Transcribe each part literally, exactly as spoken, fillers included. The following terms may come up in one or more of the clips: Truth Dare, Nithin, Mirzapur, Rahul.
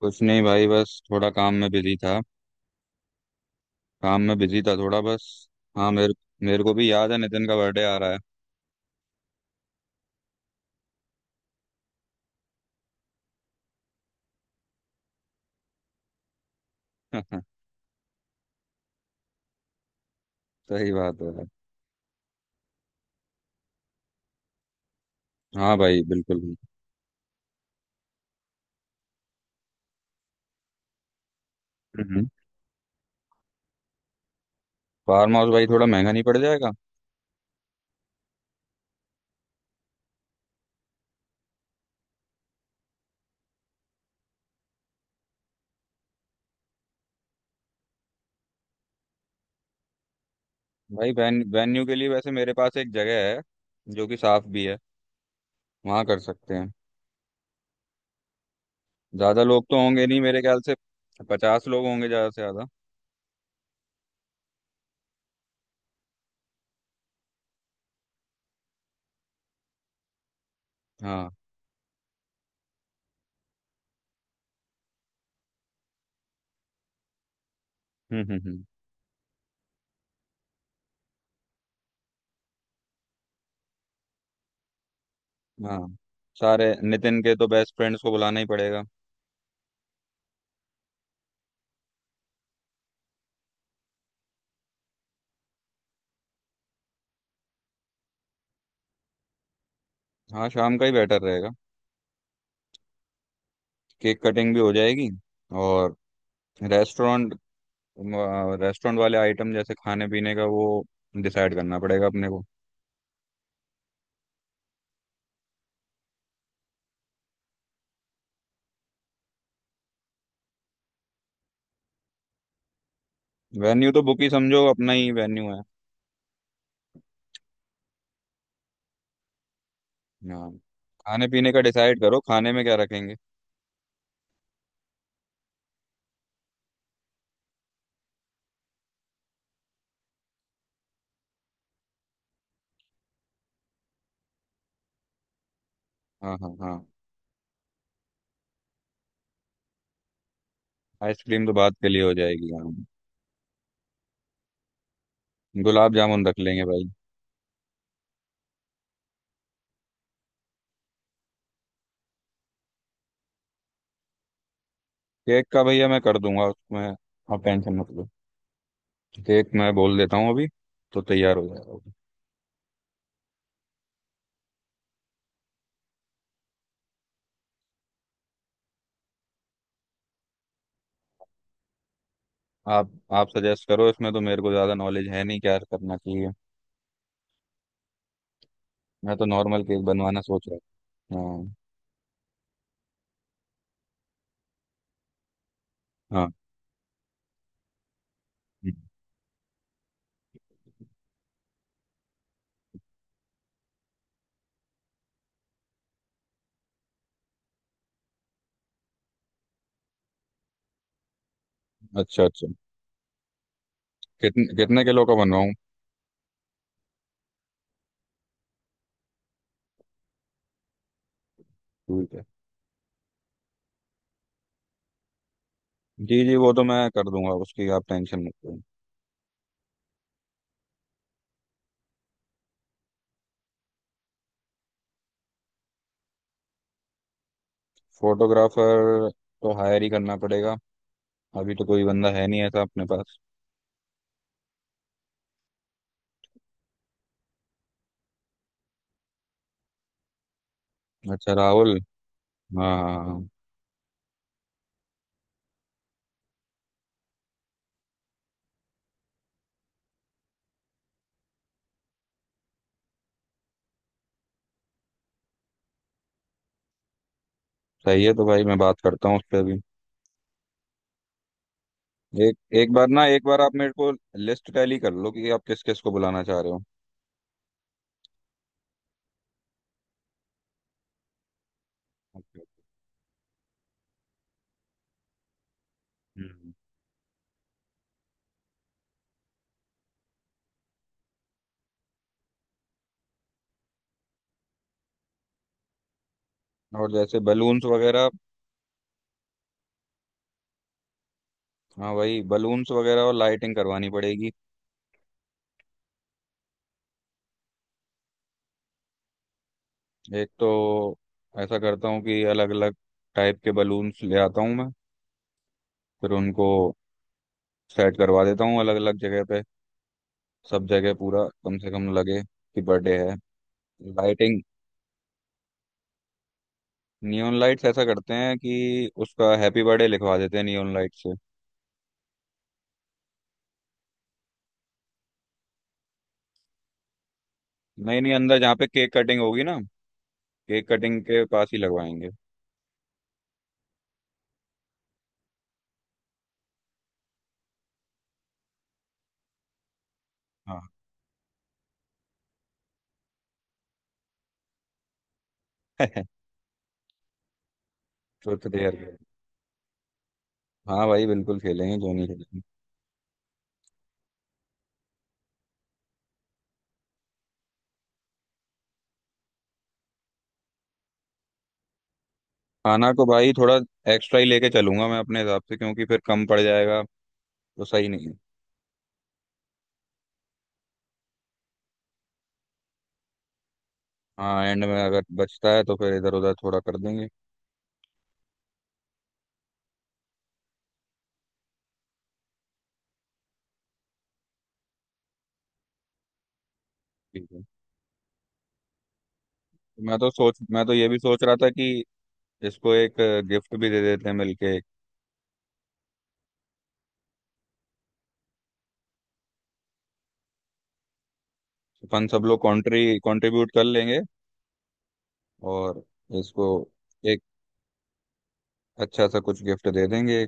कुछ नहीं भाई। बस थोड़ा काम में बिजी था। काम में बिजी था थोड़ा बस। हाँ, मेरे मेरे को भी याद है नितिन का बर्थडे आ रहा है। सही बात है भाई। हाँ भाई, बिल्कुल। बिल्कुल फार्म हाउस भाई थोड़ा महंगा नहीं पड़ जाएगा? भाई, वेन वेन्यू के लिए वैसे मेरे पास एक जगह है, जो कि साफ भी है। वहाँ कर सकते हैं। ज़्यादा लोग तो होंगे नहीं मेरे ख्याल से। पचास लोग होंगे ज़्यादा से ज़्यादा। हाँ। हम्म हम्म हम्म। हाँ, सारे नितिन के तो बेस्ट फ्रेंड्स को बुलाना ही पड़ेगा। हाँ, शाम का ही बेटर रहेगा। केक कटिंग भी हो जाएगी। और रेस्टोरेंट रेस्टोरेंट वाले आइटम जैसे खाने पीने का वो डिसाइड करना पड़ेगा अपने को। वेन्यू तो बुक ही समझो, अपना ही वेन्यू है। हाँ, खाने पीने का डिसाइड करो। खाने में क्या रखेंगे? हाँ हाँ हाँ। आइसक्रीम तो बात के लिए हो जाएगी, हाँ। गुलाब जामुन रख लेंगे भाई। केक का भैया मैं कर दूंगा उसमें। आप टेंशन मत लो। केक मैं बोल देता हूँ अभी, तो तैयार हो जाएगा। आप आप सजेस्ट करो, इसमें तो मेरे को ज़्यादा नॉलेज है नहीं क्या करना चाहिए। मैं तो नॉर्मल केक बनवाना सोच रहा हूँ। हाँ हाँ। अच्छा अच्छा। कितने कितने किलो का बनवाऊँ? ठीक है। जी जी, वो तो मैं कर दूंगा उसकी आप टेंशन मत लो। फोटोग्राफर तो हायर ही करना पड़ेगा। अभी तो कोई बंदा है नहीं ऐसा अपने पास। अच्छा, राहुल। हाँ हाँ, हाँ। सही है। तो भाई मैं बात करता हूँ उस पर अभी। एक एक बार ना एक बार आप मेरे को लिस्ट टैली कर लो कि आप किस किस को बुलाना चाह रहे हो। Okay. हम्म। और जैसे बलून्स वगैरह। हाँ, वही बलून्स वगैरह और लाइटिंग करवानी पड़ेगी। एक तो ऐसा करता हूँ कि अलग अलग टाइप के बलून्स ले आता हूँ मैं। फिर उनको सेट करवा देता हूँ अलग अलग जगह पे। सब जगह पूरा कम से कम लगे कि बर्थडे है। लाइटिंग। नियॉन लाइट्स ऐसा करते हैं कि उसका हैप्पी बर्थडे लिखवा देते हैं नियॉन लाइट से। नहीं नहीं, अंदर जहाँ पे केक कटिंग होगी ना, केक कटिंग के पास ही लगवाएंगे। हाँ। Truth dare. हाँ भाई, बिल्कुल खेलेंगे, क्यों नहीं खेलेंगे। खाना को भाई थोड़ा एक्स्ट्रा ही लेके चलूंगा मैं अपने हिसाब से, क्योंकि फिर कम पड़ जाएगा तो सही नहीं है। हाँ, एंड में अगर बचता है तो फिर इधर उधर थोड़ा कर देंगे। ठीक है। मैं तो सोच मैं तो ये भी सोच रहा था कि इसको एक गिफ्ट भी दे देते हैं मिलके। अपन सब लोग कॉन्ट्री कंट्रीब्यूट कर लेंगे। और इसको एक अच्छा सा कुछ गिफ्ट दे देंगे।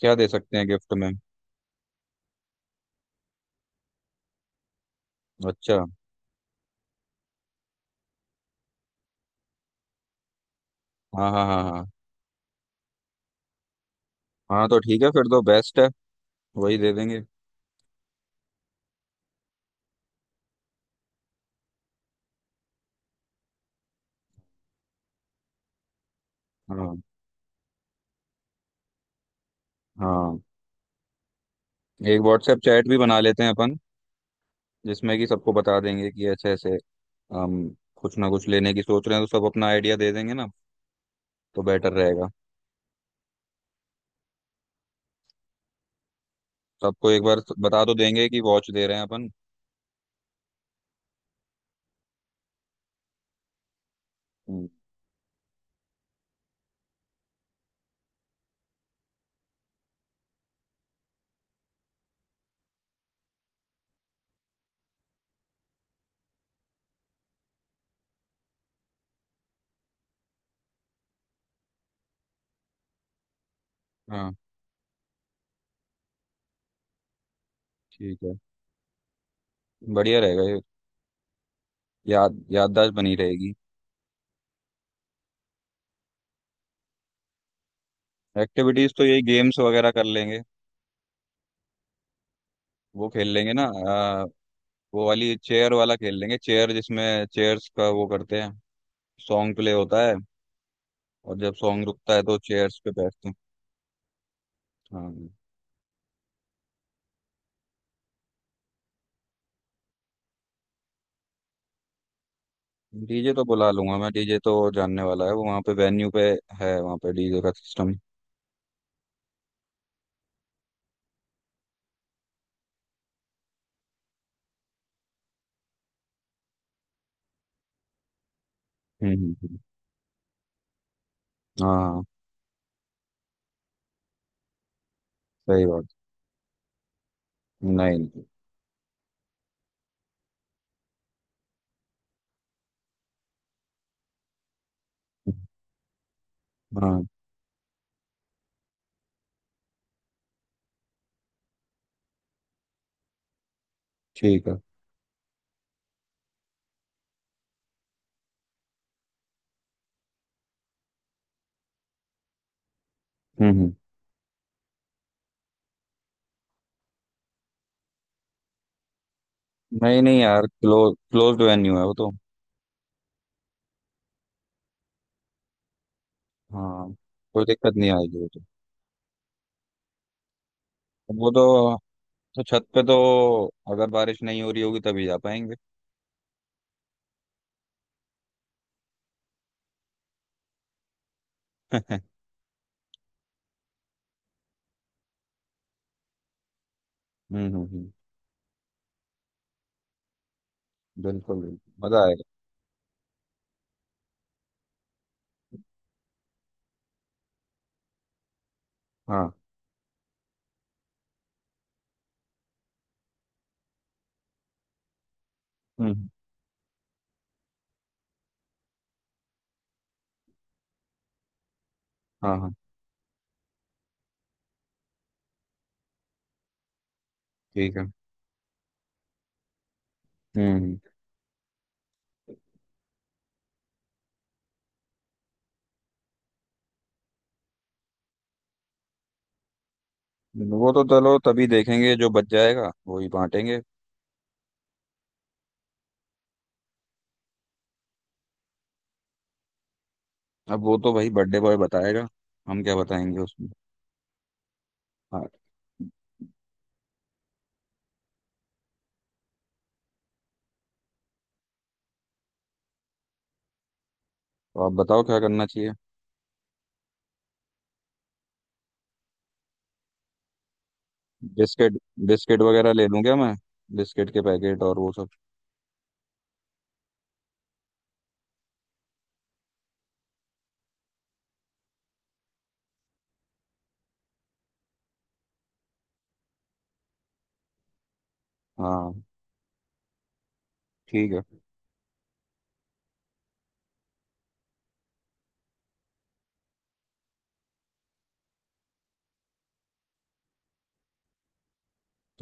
क्या दे सकते हैं गिफ्ट में? अच्छा। हाँ हाँ हाँ हाँ। हाँ तो ठीक है, फिर तो बेस्ट है। वही दे देंगे। हाँ हाँ। एक व्हाट्सएप चैट भी बना लेते हैं अपन। जिसमें कि सबको बता देंगे कि ऐसे ऐसे हम कुछ ना कुछ लेने की सोच रहे हैं, तो सब अपना आइडिया दे देंगे ना? तो बेटर रहेगा। सबको एक बार बता तो देंगे कि वॉच दे रहे हैं अपन। हाँ, ठीक है, बढ़िया रहेगा ये। याद याददाश्त बनी रहेगी। एक्टिविटीज तो यही गेम्स वगैरह कर लेंगे। वो खेल लेंगे ना आ, वो वाली चेयर वाला खेल लेंगे। चेयर जिसमें चेयर्स का वो करते हैं, सॉन्ग प्ले होता है और जब सॉन्ग रुकता है तो चेयर्स पे बैठते हैं। हाँ, डीजे तो बुला लूंगा मैं। डीजे तो जानने वाला है वो, वहाँ पे वेन्यू पे है वहाँ पे डीजे का सिस्टम। हम्म हम्म, हम्म। हाँ हाँ, सही बात। नहीं नहीं। हाँ। ठीक है। हम्म हम्म। नहीं नहीं यार, क्लोज क्लोज्ड वेन्यू है वो तो। हाँ, कोई दिक्कत नहीं आएगी वो तो। वो तो तो छत पे तो अगर बारिश नहीं हो रही होगी तभी जा पाएंगे। हम्म हम्म हम्म, बिल्कुल बिल्कुल। मजा आएगा। हाँ। हम्म। हाँ हाँ, ठीक है। हम्म हम्म, वो तो चलो तभी देखेंगे जो बच जाएगा वो ही बांटेंगे। अब वो तो भाई बर्थडे बॉय बताएगा। हम क्या बताएंगे उसमें। हाँ, तो आप बताओ क्या करना चाहिए। बिस्किट। बिस्किट वगैरह ले लूँ क्या मैं? बिस्किट के पैकेट और वो सब। हाँ, ठीक है।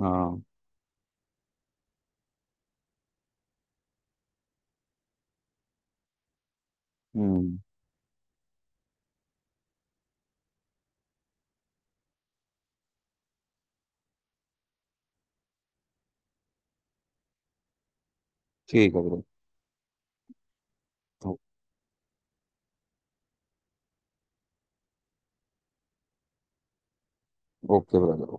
हाँ, हम्म। ठीक है ब्रो। Okay brother.